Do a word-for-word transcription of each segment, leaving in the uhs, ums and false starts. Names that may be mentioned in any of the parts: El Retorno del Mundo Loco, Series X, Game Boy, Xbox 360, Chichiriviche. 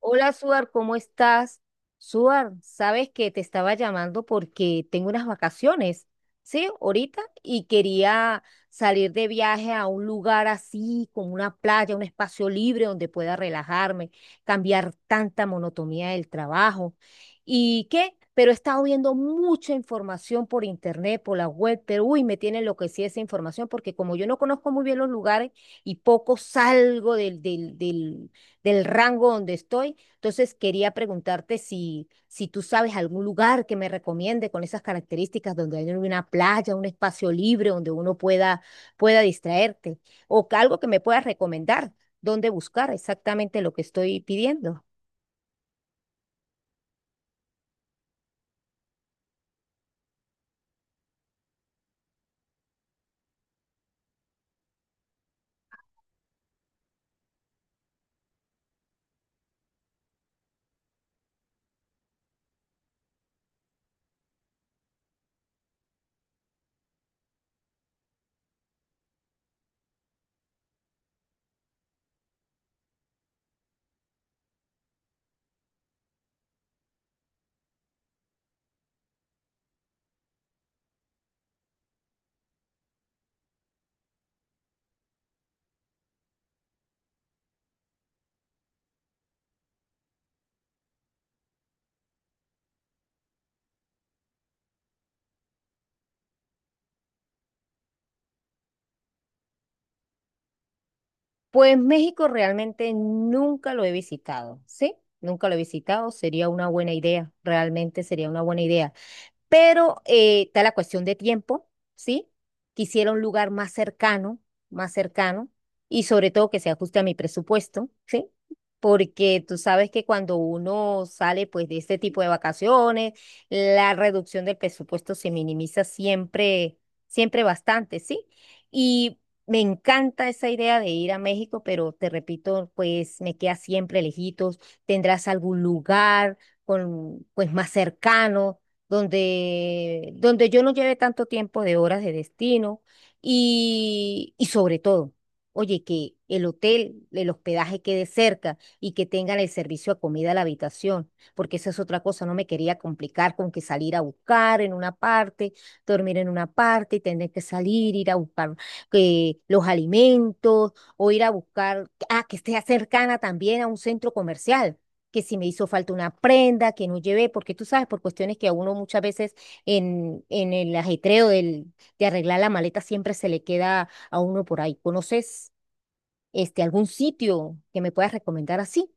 Hola, Suar, ¿cómo estás? Suar, sabes que te estaba llamando porque tengo unas vacaciones, ¿sí? Ahorita, y quería salir de viaje a un lugar así, como una playa, un espacio libre donde pueda relajarme, cambiar tanta monotonía del trabajo. ¿Y qué? Pero he estado viendo mucha información por internet, por la web, pero uy, me tiene enloquecida esa información porque como yo no conozco muy bien los lugares y poco salgo del, del, del del rango donde estoy. Entonces quería preguntarte si, si tú sabes algún lugar que me recomiende con esas características donde hay una playa, un espacio libre donde uno pueda, pueda distraerte o que algo que me puedas recomendar, dónde buscar exactamente lo que estoy pidiendo. Pues México realmente nunca lo he visitado, ¿sí? Nunca lo he visitado, sería una buena idea, realmente sería una buena idea. Pero eh, está la cuestión de tiempo, ¿sí? Quisiera un lugar más cercano, más cercano, y sobre todo que se ajuste a mi presupuesto, ¿sí? Porque tú sabes que cuando uno sale pues de este tipo de vacaciones, la reducción del presupuesto se minimiza siempre, siempre bastante, ¿sí? Y me encanta esa idea de ir a México, pero te repito, pues me queda siempre lejitos. ¿Tendrás algún lugar con, pues más cercano? donde, donde yo no lleve tanto tiempo de horas de destino y, y sobre todo, oye, que el hotel, el hospedaje quede cerca y que tengan el servicio a comida a la habitación, porque esa es otra cosa, no me quería complicar con que salir a buscar en una parte, dormir en una parte y tener que salir, ir a buscar eh, los alimentos o ir a buscar, ah, que esté cercana también a un centro comercial que si me hizo falta una prenda, que no llevé, porque tú sabes, por cuestiones que a uno muchas veces en, en el ajetreo del, de arreglar la maleta siempre se le queda a uno por ahí. ¿Conoces este, algún sitio que me puedas recomendar así?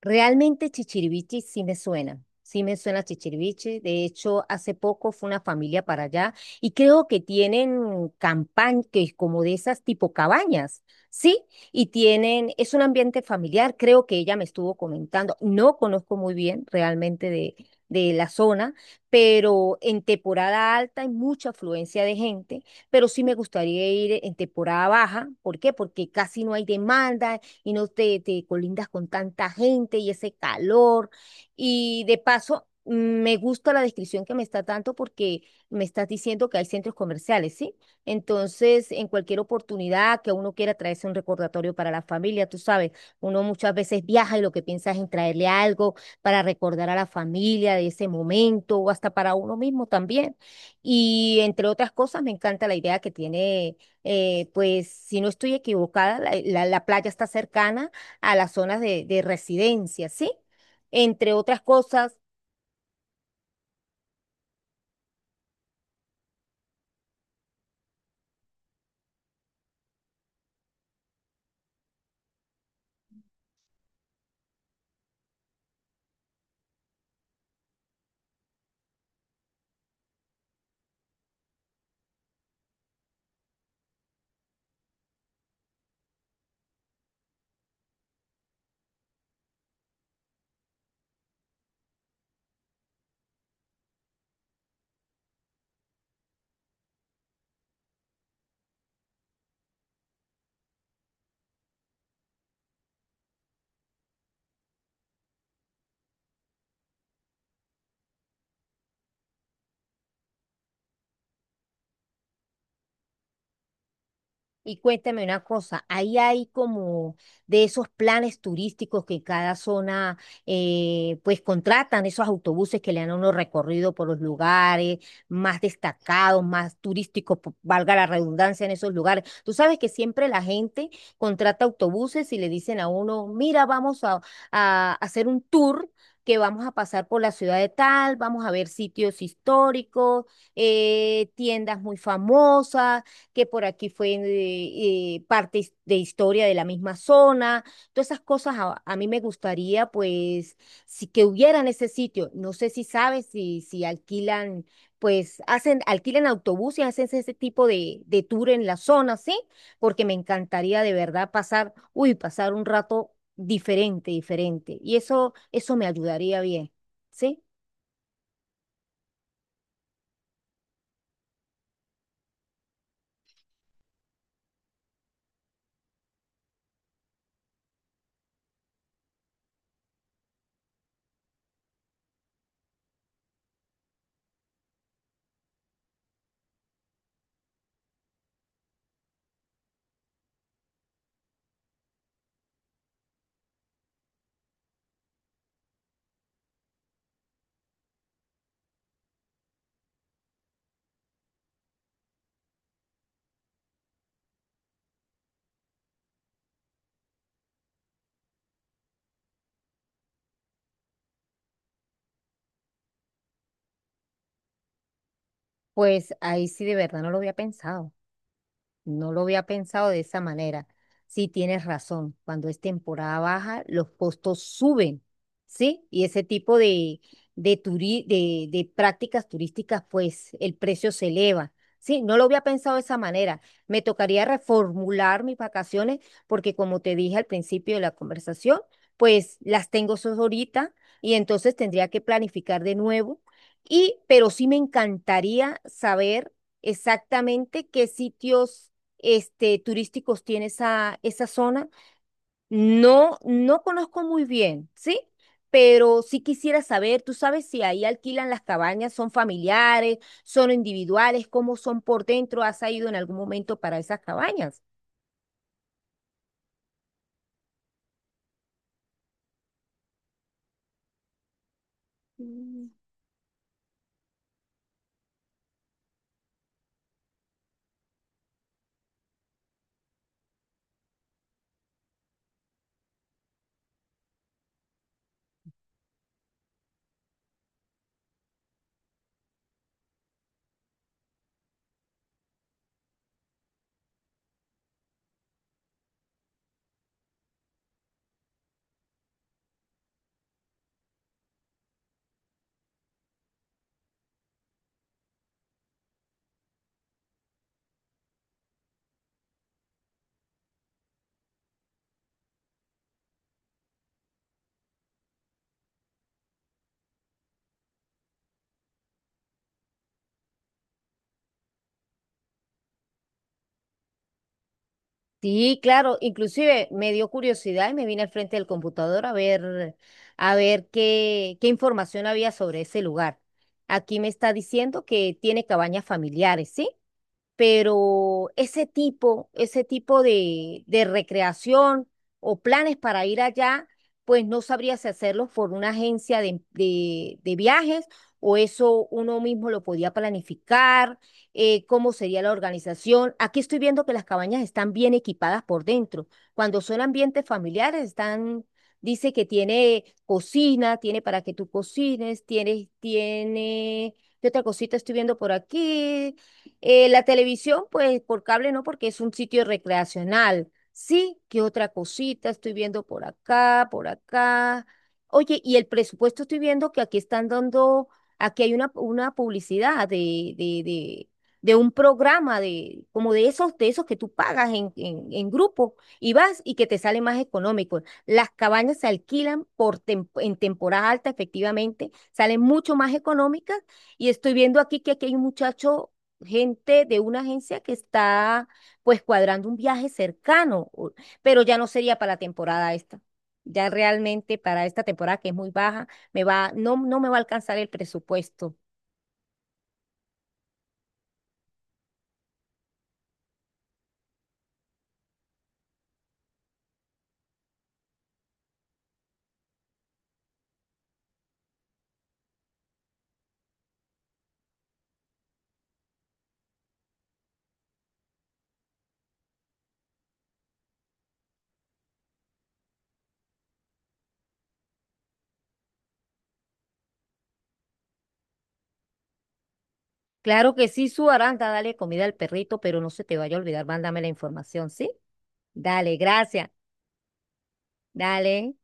Realmente Chichiriviche sí me suena, sí me suena Chichiriviche. De hecho, hace poco fue una familia para allá y creo que tienen campañas, como de esas tipo cabañas, ¿sí? Y tienen, es un ambiente familiar, creo que ella me estuvo comentando. No conozco muy bien realmente de, de la zona, pero en temporada alta hay mucha afluencia de gente, pero sí me gustaría ir en temporada baja. ¿Por qué? Porque casi no hay demanda y no te, te colindas con tanta gente y ese calor. Y de paso, mm, me gusta la descripción que me está dando porque me estás diciendo que hay centros comerciales, ¿sí? Entonces, en cualquier oportunidad que uno quiera traerse un recordatorio para la familia, tú sabes, uno muchas veces viaja y lo que piensa es en traerle algo para recordar a la familia de ese momento o hasta para uno mismo también. Y entre otras cosas, me encanta la idea que tiene eh, pues si no estoy equivocada, la, la- la playa está cercana a las zonas de, de residencia, ¿sí? Entre otras cosas, y cuéntame una cosa, ahí hay como de esos planes turísticos que cada zona eh, pues contratan, esos autobuses que le dan a uno recorrido por los lugares más destacados, más turísticos, po- valga la redundancia en esos lugares. Tú sabes que siempre la gente contrata autobuses y le dicen a uno, mira, vamos a, a hacer un tour, que vamos a pasar por la ciudad de tal, vamos a ver sitios históricos, eh, tiendas muy famosas, que por aquí fue eh, eh, parte his- de historia de la misma zona, todas esas cosas a, a mí me gustaría pues si que hubiera en ese sitio, no sé si sabes si, si alquilan, pues hacen, alquilan autobuses, hacen ese tipo de, de tour en la zona, ¿sí? Porque me encantaría de verdad pasar, uy, pasar un rato diferente, diferente, y eso, eso me ayudaría bien, ¿sí? Pues ahí sí de verdad no lo había pensado. No lo había pensado de esa manera. Sí, tienes razón. Cuando es temporada baja, los costos suben, ¿sí? Y ese tipo de, de, turi- de, de prácticas turísticas, pues el precio se eleva. Sí, no lo había pensado de esa manera. Me tocaría reformular mis vacaciones porque como te dije al principio de la conversación, pues las tengo solo ahorita y entonces tendría que planificar de nuevo. Y, pero sí me encantaría saber exactamente qué sitios este, turísticos tiene esa, esa zona. No, no conozco muy bien, ¿sí? Pero sí quisiera saber, tú sabes si ahí alquilan las cabañas, son familiares, son individuales, cómo son por dentro, ¿has ido en algún momento para esas cabañas? Sí, claro, inclusive me dio curiosidad y me vine al frente del computador a ver, a ver qué, qué información había sobre ese lugar. Aquí me está diciendo que tiene cabañas familiares, ¿sí? Pero ese tipo, ese tipo de, de recreación o planes para ir allá, pues no sabría si hacerlos por una agencia de, de- de viajes o eso uno mismo lo podía planificar, eh, cómo sería la organización. Aquí estoy viendo que las cabañas están bien equipadas por dentro. Cuando son ambientes familiares, están... Dice que tiene cocina, tiene para que tú cocines, tiene, tiene, ¿qué otra cosita estoy viendo por aquí? Eh, la televisión, pues por cable no, porque es un sitio recreacional. Sí, ¿qué otra cosita estoy viendo por acá, por acá? Oye, y el presupuesto estoy viendo que aquí están dando, aquí hay una, una publicidad de, de, de, de un programa de, como de esos, de esos que tú pagas en, en, en grupo y vas y que te sale más económico. Las cabañas se alquilan por tem- en temporada alta, efectivamente, salen mucho más económicas. Y estoy viendo aquí que aquí hay un muchacho gente de una agencia que está pues cuadrando un viaje cercano, o- pero ya no sería para la temporada esta. Ya realmente para esta temporada que es muy baja, me va, no, no me va a alcanzar el presupuesto. Claro que sí, su Aranda, dale comida al perrito, pero no se te vaya a olvidar, mándame la información, ¿sí? Dale, gracias. Dale.